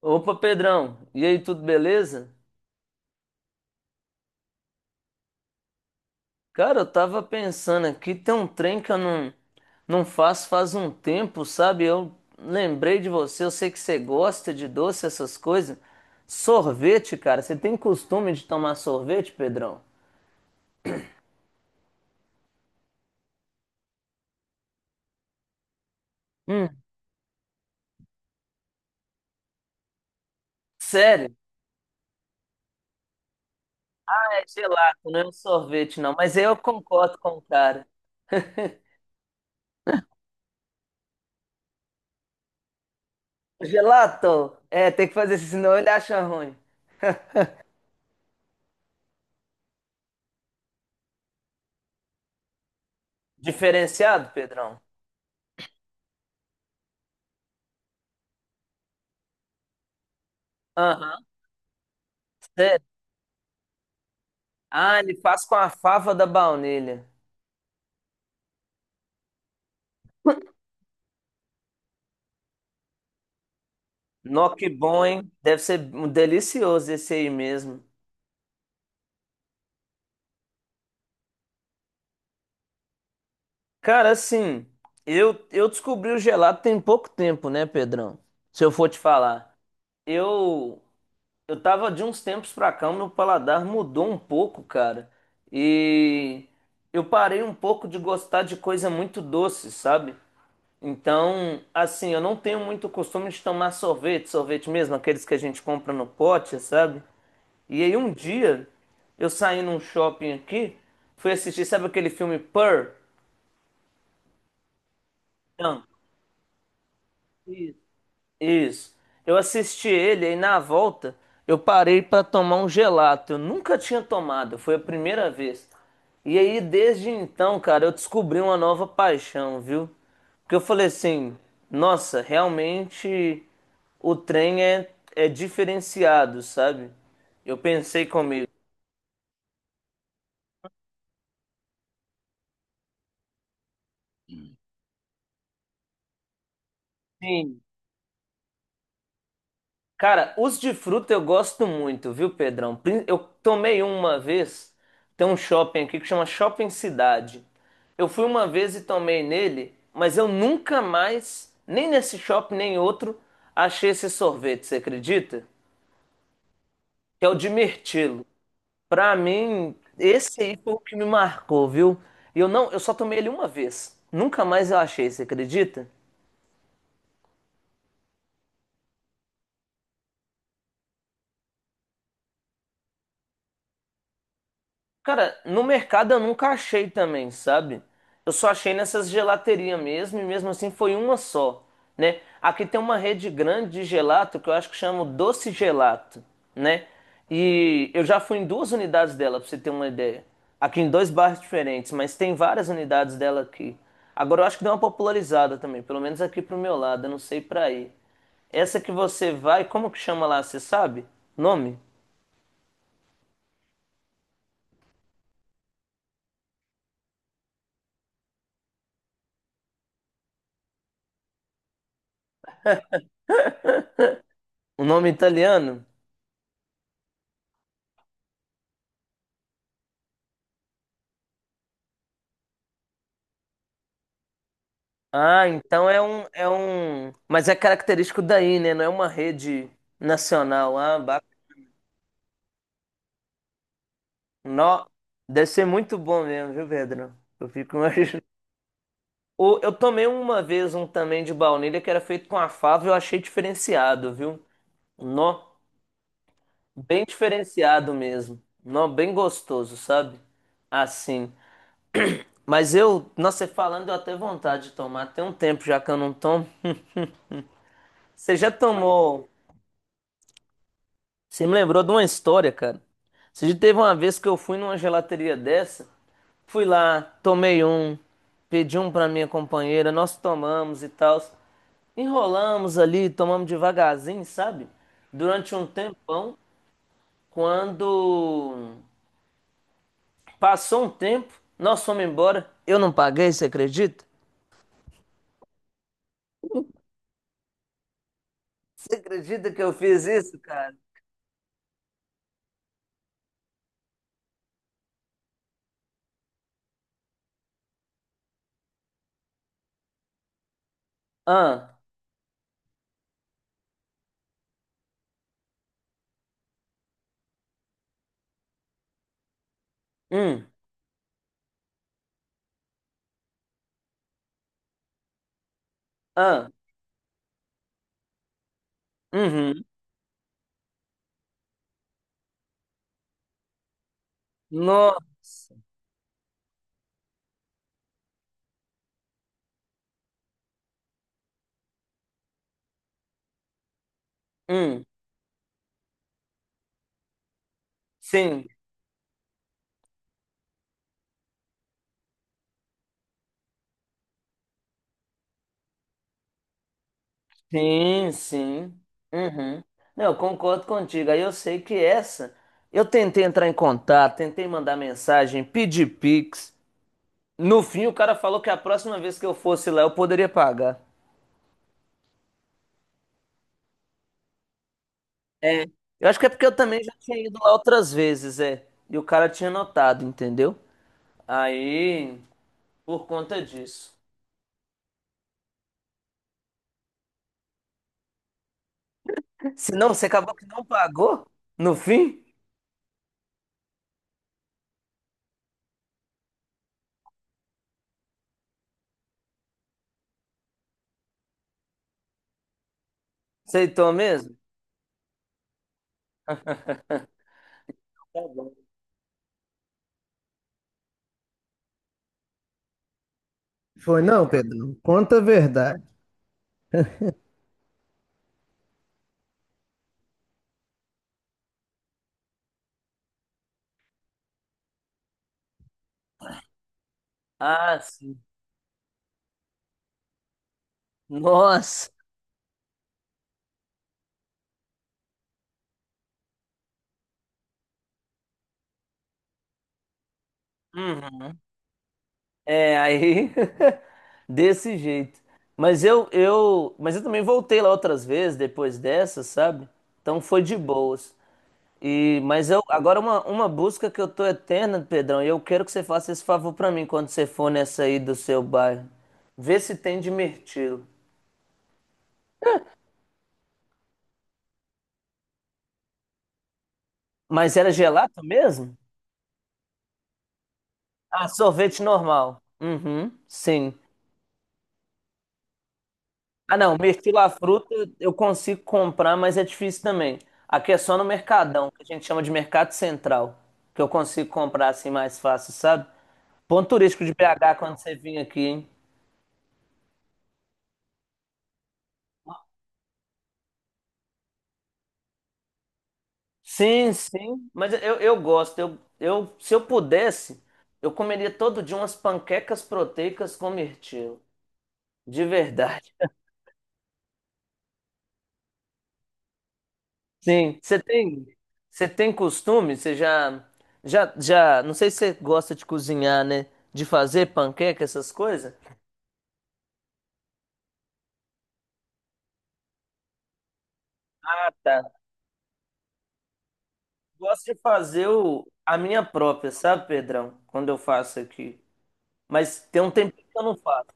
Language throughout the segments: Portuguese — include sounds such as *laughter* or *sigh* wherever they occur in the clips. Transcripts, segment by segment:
Opa, Pedrão, e aí, tudo beleza? Cara, eu tava pensando aqui, tem um trem que eu não faço faz um tempo, sabe? Eu lembrei de você, eu sei que você gosta de doce, essas coisas. Sorvete, cara, você tem costume de tomar sorvete, Pedrão? Hum, sério? É gelato, não é um sorvete, não. Mas aí eu concordo com o cara. Gelato? É, tem que fazer isso, senão ele acha ruim. Diferenciado, Pedrão? Aham, sério. Ah, ele faz com a fava da baunilha. Nó, que bom, hein? Deve ser um delicioso esse aí mesmo. Cara, assim, eu descobri o gelato tem pouco tempo, né, Pedrão? Se eu for te falar. Eu, eu tava de uns tempos pra cá, o meu paladar mudou um pouco, cara. E eu parei um pouco de gostar de coisa muito doce, sabe? Então, assim, eu não tenho muito costume de tomar sorvete, sorvete mesmo, aqueles que a gente compra no pote, sabe? E aí um dia eu saí num shopping aqui, fui assistir, sabe aquele filme Purr? Não, isso. Eu assisti ele e na volta eu parei pra tomar um gelato. Eu nunca tinha tomado, foi a primeira vez. E aí desde então, cara, eu descobri uma nova paixão, viu? Porque eu falei assim, nossa, realmente o trem é diferenciado, sabe? Eu pensei comigo. Sim. Cara, os de fruta eu gosto muito, viu, Pedrão? Eu tomei uma vez, tem um shopping aqui que chama Shopping Cidade. Eu fui uma vez e tomei nele, mas eu nunca mais, nem nesse shopping nem em outro, achei esse sorvete, você acredita? Que é o de mirtilo. Pra mim, esse aí foi o que me marcou, viu? E eu não, eu só tomei ele uma vez. Nunca mais eu achei, você acredita? Cara, no mercado eu nunca achei também, sabe? Eu só achei nessas gelaterias mesmo, e mesmo assim foi uma só, né? Aqui tem uma rede grande de gelato que eu acho que chama Doce Gelato, né? E eu já fui em duas unidades dela, pra você ter uma ideia. Aqui em dois bairros diferentes, mas tem várias unidades dela aqui. Agora eu acho que deu uma popularizada também, pelo menos aqui pro meu lado, eu não sei pra aí. Essa que você vai, como que chama lá, você sabe? Nome? *laughs* O nome italiano? Ah, então é um. Mas é característico daí, né? Não é uma rede nacional. Ah, bacana. Nó. Deve ser muito bom mesmo, viu, Pedro? Eu fico *laughs* imaginando. Eu tomei uma vez um também de baunilha que era feito com a fava e eu achei diferenciado, viu? Nó. Bem diferenciado mesmo. Nó, bem gostoso, sabe? Assim. Mas eu, nossa, você falando, deu até vontade de tomar. Tem um tempo já que eu não tomo. Você já tomou. Você me lembrou de uma história, cara. Você já teve uma vez que eu fui numa gelateria dessa, fui lá, tomei um, pedi um pra minha companheira, nós tomamos e tal. Enrolamos ali, tomamos devagarzinho, sabe? Durante um tempão, quando passou um tempo, nós fomos embora. Eu não paguei, você acredita? Você acredita que eu fiz isso, cara? Ah, hum, ah, uhum. Nossa, hum, sim. Sim, sim. Uhum. Não, eu concordo contigo. Aí eu sei que essa. Eu tentei entrar em contato, tentei mandar mensagem, pedir Pix. No fim, o cara falou que a próxima vez que eu fosse lá, eu poderia pagar. Eu acho que é porque eu também já tinha ido lá outras vezes, é. E o cara tinha notado, entendeu? Aí, por conta disso. Se não, você acabou que não pagou? No fim? Aceitou mesmo? *laughs* Tá bom. Foi não, Pedro. Conta a verdade. Ah, sim. Nossa. Uhum. É, aí *laughs* desse jeito. Mas eu também voltei lá outras vezes depois dessa, sabe? Então foi de boas. E mas eu agora uma busca que eu tô eterna, Pedrão, e eu quero que você faça esse favor pra mim quando você for nessa aí do seu bairro. Vê se tem de mirtilo. Mas era gelato mesmo? Ah, sorvete normal. Uhum, sim. Ah, não, mirtilo fruta eu consigo comprar, mas é difícil também. Aqui é só no Mercadão, que a gente chama de Mercado Central, que eu consigo comprar assim mais fácil, sabe? Ponto turístico de BH quando você vir aqui, hein? Sim, sim, mas eu gosto. Se eu pudesse, eu comeria todo dia umas panquecas proteicas com mirtilo, de verdade. Sim, você tem, costume, você já, não sei se você gosta de cozinhar, né? De fazer panqueca, essas coisas? Ah, tá. Gosto de fazer a minha própria, sabe, Pedrão? Quando eu faço aqui. Mas tem um tempinho que eu não faço.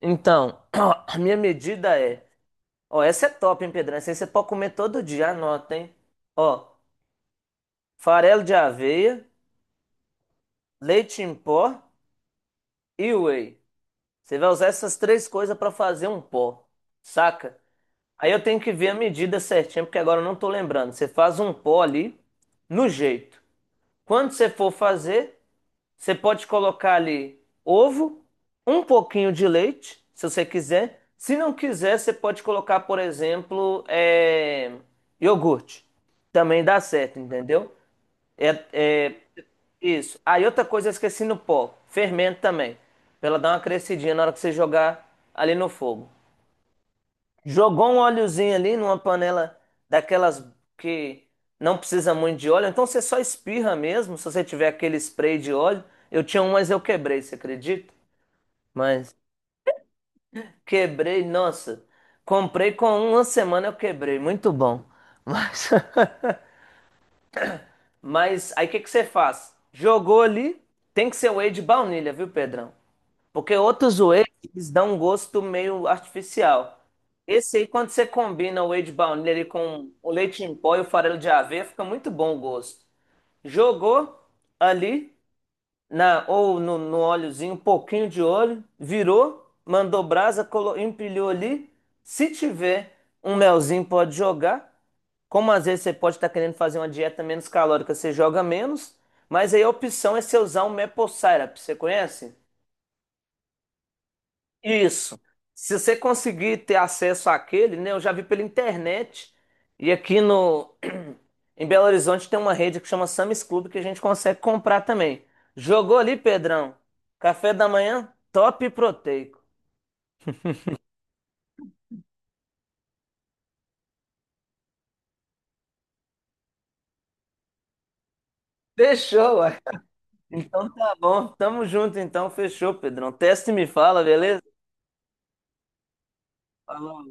Então, *coughs* *clears throat* a minha medida é, ó, essa é top, hein, Pedrão? Essa aí você pode comer todo dia, anota, hein? Ó, farelo de aveia, leite em pó e whey. Você vai usar essas três coisas para fazer um pó. Saca? Aí eu tenho que ver a medida certinha, porque agora eu não tô lembrando. Você faz um pó ali, no jeito. Quando você for fazer, você pode colocar ali ovo, um pouquinho de leite, se você quiser. Se não quiser, você pode colocar, por exemplo, é, iogurte. Também dá certo, entendeu? É, é, isso. Aí outra coisa, eu esqueci no pó. Fermento também. Pra ela dar uma crescidinha na hora que você jogar ali no fogo. Jogou um óleozinho ali numa panela daquelas que não precisa muito de óleo, então você só espirra mesmo, se você tiver aquele spray de óleo. Eu tinha um, mas eu quebrei, você acredita? Mas quebrei, nossa. Comprei com uma semana eu quebrei, muito bom. Mas, *laughs* mas aí o que que você faz? Jogou ali, tem que ser whey de baunilha, viu, Pedrão? Porque outros whey, eles dão um gosto meio artificial. Esse aí, quando você combina o whey de baunilha ali com o leite em pó e o farelo de aveia, fica muito bom o gosto. Jogou ali, na, ou no óleozinho, um pouquinho de óleo, virou, mandou brasa, empilhou ali. Se tiver um melzinho, pode jogar. Como às vezes você pode estar querendo fazer uma dieta menos calórica, você joga menos. Mas aí a opção é você usar um maple syrup. Você conhece? Isso. Se você conseguir ter acesso àquele, né? Eu já vi pela internet. E aqui no em Belo Horizonte tem uma rede que chama Sam's Club que a gente consegue comprar também. Jogou ali, Pedrão? Café da manhã, top e proteico. Fechou, ué. Então tá bom. Tamo junto então, fechou, Pedrão. Testa e me fala, beleza? Falou.